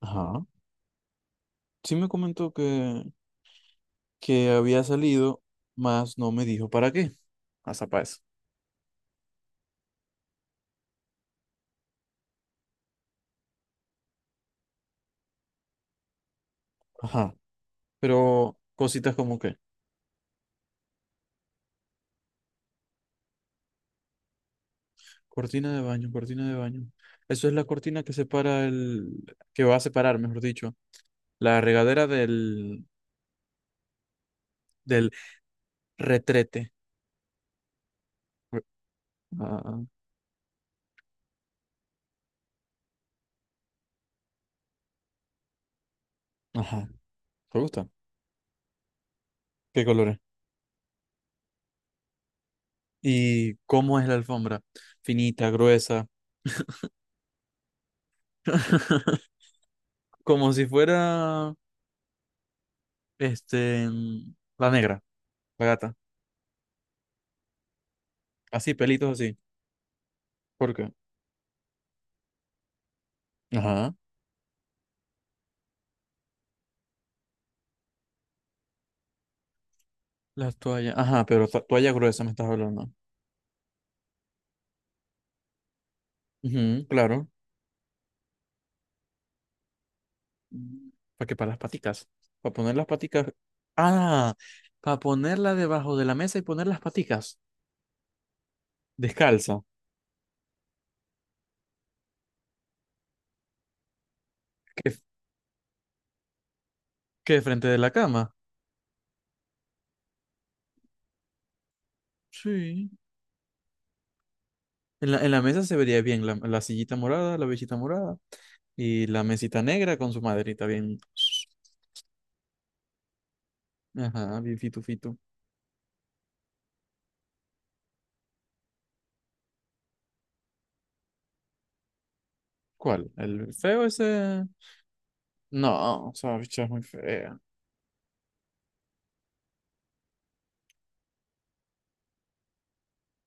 Ajá. Sí me comentó que había salido, mas no me dijo para qué. Hasta para eso. Ajá. Pero cositas como que, cortina de baño, cortina de baño. Eso es la cortina que separa el, que va a separar, mejor dicho, la regadera del retrete. Re- ah, Ajá. ¿Te gusta? ¿Qué colores? ¿Y cómo es la alfombra? Finita, gruesa. Como si fuera, este, la negra, la gata. Así, pelitos. ¿Por qué? Ajá. Las toallas. Ajá, pero toalla gruesa me estás hablando. Ujú, claro. ¿Para qué? Para las paticas. Para poner las paticas. Ah, para ponerla debajo de la mesa y poner las paticas. Descalza. Que, que frente de la cama. Sí. En la mesa se vería bien la sillita morada, la besita morada y la mesita negra con su maderita bien. Ajá, bien fitu fitu. ¿Cuál? ¿El feo ese? No, o sea, bicho, es muy fea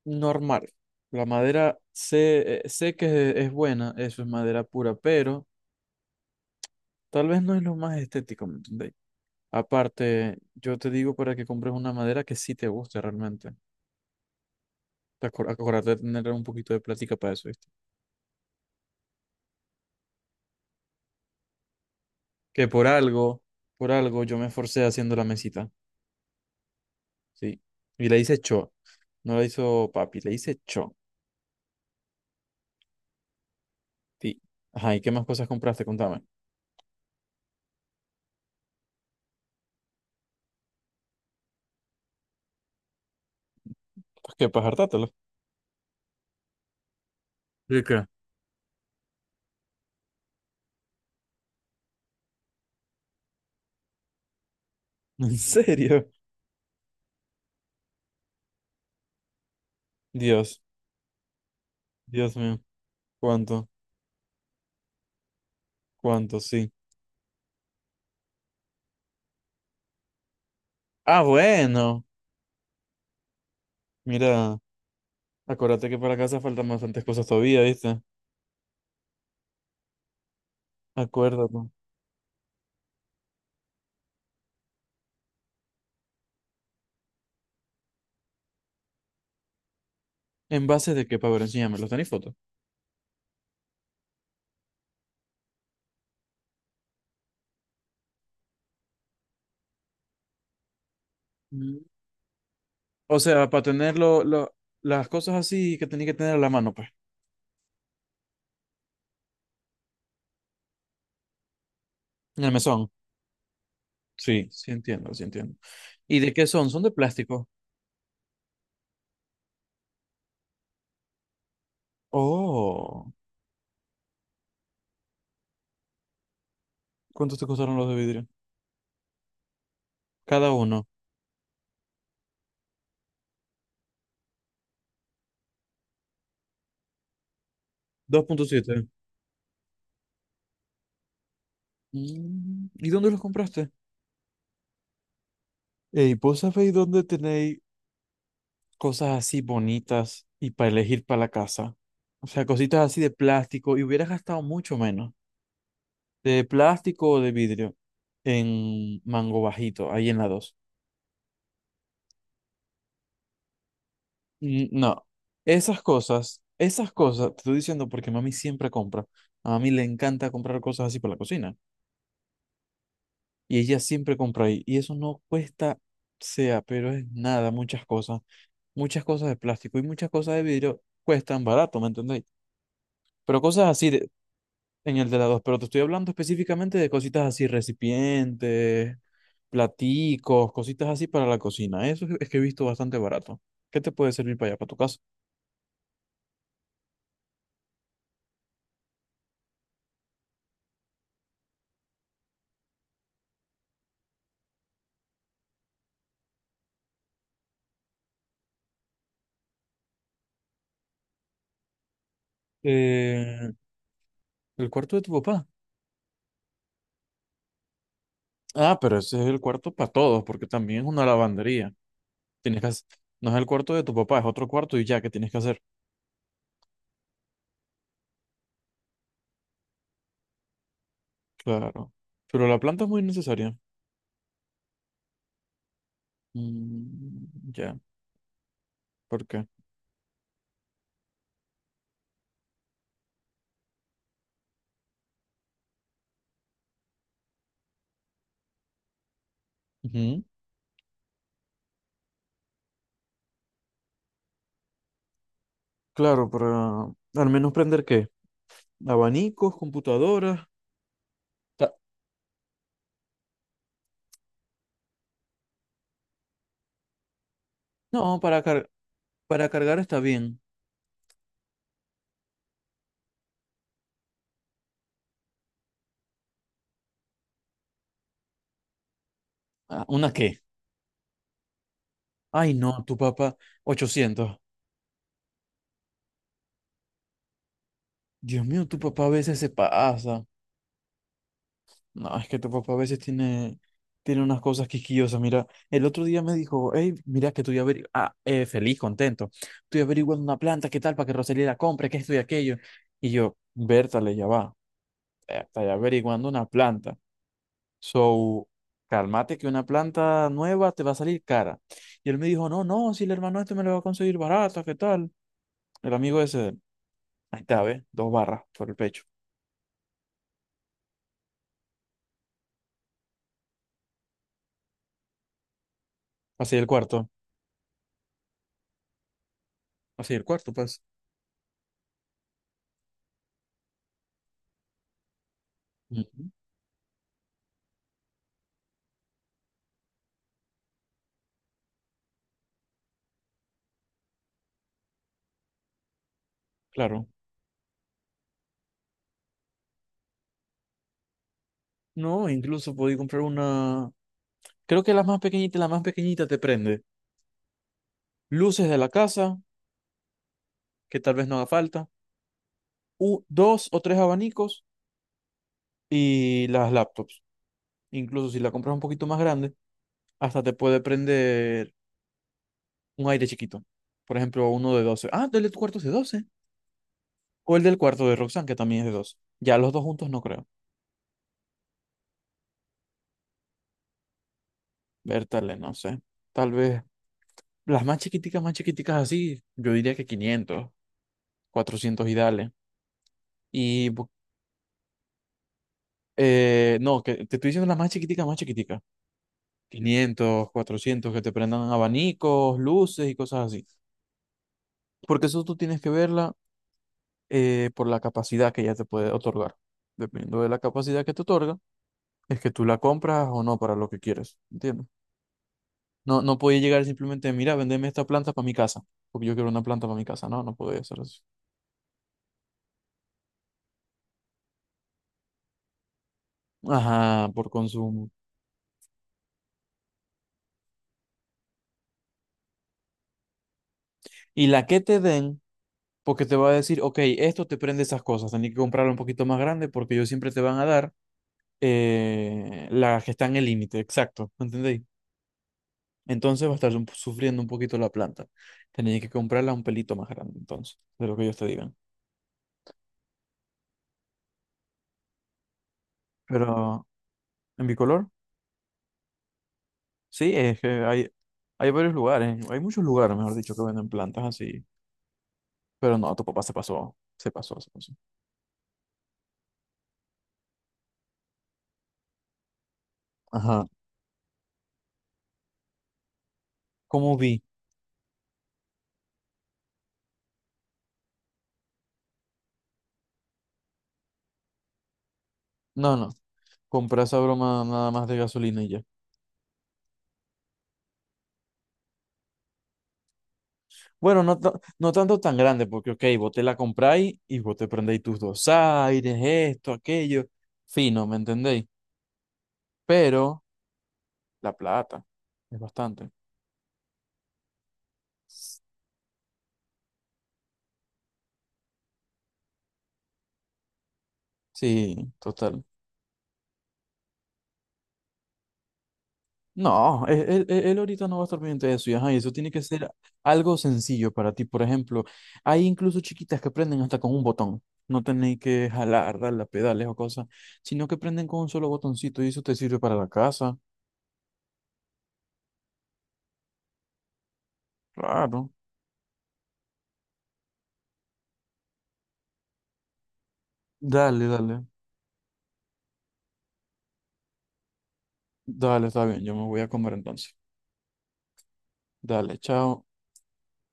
normal. La madera sé, sé que es buena, eso es madera pura, pero tal vez no es lo más estético, ¿me entendéis? Aparte, yo te digo para que compres una madera que sí te guste realmente. Acuérdate de tener un poquito de plática para eso, ¿viste? Que por algo yo me esforcé haciendo la mesita, ¿sí? Y le hice cho, no la hizo papi, le hice cho, sí. Ajá, ¿y qué más cosas compraste? Contame. Pues que para hartátelo. ¿De qué? ¿En serio? Dios, Dios mío, ¿cuánto? ¿Cuánto? Sí. Ah, bueno. Mira, acuérdate que para casa faltan bastantes cosas todavía, ¿viste? Acuérdate. ¿En base de qué? Para ver, enséñame, ¿los tenéis fotos? Mm. O sea, para tener las cosas así que tenéis que tener a la mano, pues. En el mesón. Sí, sí entiendo, sí entiendo. ¿Y de qué son? ¿Son de plástico? Oh, ¿cuántos te costaron los de vidrio? Cada uno. 2.7. Mm, ¿y dónde los compraste? Ey, ¿vos sabéis dónde tenéis cosas así bonitas y para elegir para la casa? O sea, cositas así de plástico y hubieras gastado mucho menos de plástico o de vidrio en Mango Bajito, ahí en la dos. Mm, no, esas cosas, te estoy diciendo porque mami siempre compra. A mami le encanta comprar cosas así para la cocina y ella siempre compra ahí y eso no cuesta sea, pero es nada, muchas cosas de plástico y muchas cosas de vidrio cuestan barato, ¿me entendéis? Pero cosas así de, en el de la dos, pero te estoy hablando específicamente de cositas así, recipientes, platicos, cositas así para la cocina. Eso es que he visto bastante barato. ¿Qué te puede servir para allá, para tu casa? Eh, el cuarto de tu papá. Ah, pero ese es el cuarto para todos, porque también es una lavandería. Tienes que hacer- No es el cuarto de tu papá, es otro cuarto y ya, ¿qué tienes que hacer? Claro. Pero la planta es muy necesaria. Mm, ya, ¿por qué? Ujú. Claro, ¿para al menos prender qué? Abanicos, computadoras. No, para cargar está bien. Ah, ¿una qué? Ay, no, tu papá, 800. Dios mío, tu papá a veces se pasa. No, es que tu papá a veces tiene unas cosas quisquillosas. Mira, el otro día me dijo, hey, mira que estoy averiguando, feliz, contento. Estoy averiguando una planta, qué tal, para que Rosalía la compre, que esto y aquello. Y yo, Bertale, ya va. Está averiguando una planta. So, cálmate que una planta nueva te va a salir cara. Y él me dijo, no, no, si el hermano este me lo va a conseguir barata, ¿qué tal? El amigo ese, de él. Ahí está, ¿ves? Dos barras por el pecho. Así el cuarto, así el cuarto, pues. Ujú. Claro. No, incluso podí comprar una, creo que la más pequeñita te prende. Luces de la casa, que tal vez no haga falta. Dos o tres abanicos y las laptops. Incluso si la compras un poquito más grande, hasta te puede prender un aire chiquito. Por ejemplo, uno de 12. Ah, del cuarto es de 12, o el del cuarto de Roxanne, que también es de 12. Ya los dos juntos no creo. Bertale, no sé. Tal vez las más chiquiticas así, yo diría que 500, 400 y dale. Y bu- no, que te estoy diciendo las más chiquiticas, más chiquiticas. 500, 400 que te prendan abanicos, luces y cosas así. Porque eso tú tienes que verla por la capacidad que ella te puede otorgar. Dependiendo de la capacidad que te otorga, es que tú la compras o no para lo que quieres, ¿entiendes? No, no podía llegar simplemente, mira, vendeme esta planta para mi casa, porque yo quiero una planta para mi casa. No, no podía hacer eso. Ajá, por consumo. Y la que te den, porque te va a decir, ok, esto te prende esas cosas, tenés que comprarla un poquito más grande porque ellos siempre te van a dar las que están en el límite, exacto, ¿entendéis? Entonces va a estar sufriendo un poquito la planta. Tenés que comprarla un pelito más grande, entonces, de lo que ellos te digan. Pero, ¿en bicolor? Sí, es que hay varios lugares, hay muchos lugares, mejor dicho, que venden plantas así. Pero no, tu papá se pasó, se pasó, se pasó. Ajá. ¿Cómo vi? No, no, compré esa broma nada más de gasolina y ya. Bueno, no, no tanto tan grande, porque, ok, vos te la compráis y vos te prendéis tus dos aires, esto, aquello. Fino, ¿me entendéis? Pero la plata es bastante. Sí, total. No, él ahorita no va a estar pendiente de eso, y ajá, y eso tiene que ser algo sencillo para ti. Por ejemplo, hay incluso chiquitas que prenden hasta con un botón. No tenéis que jalar, darle a pedales o cosas, sino que prenden con un solo botoncito y eso te sirve para la casa. Claro. Dale, dale. Dale, está bien, yo me voy a comer entonces. Dale, chao.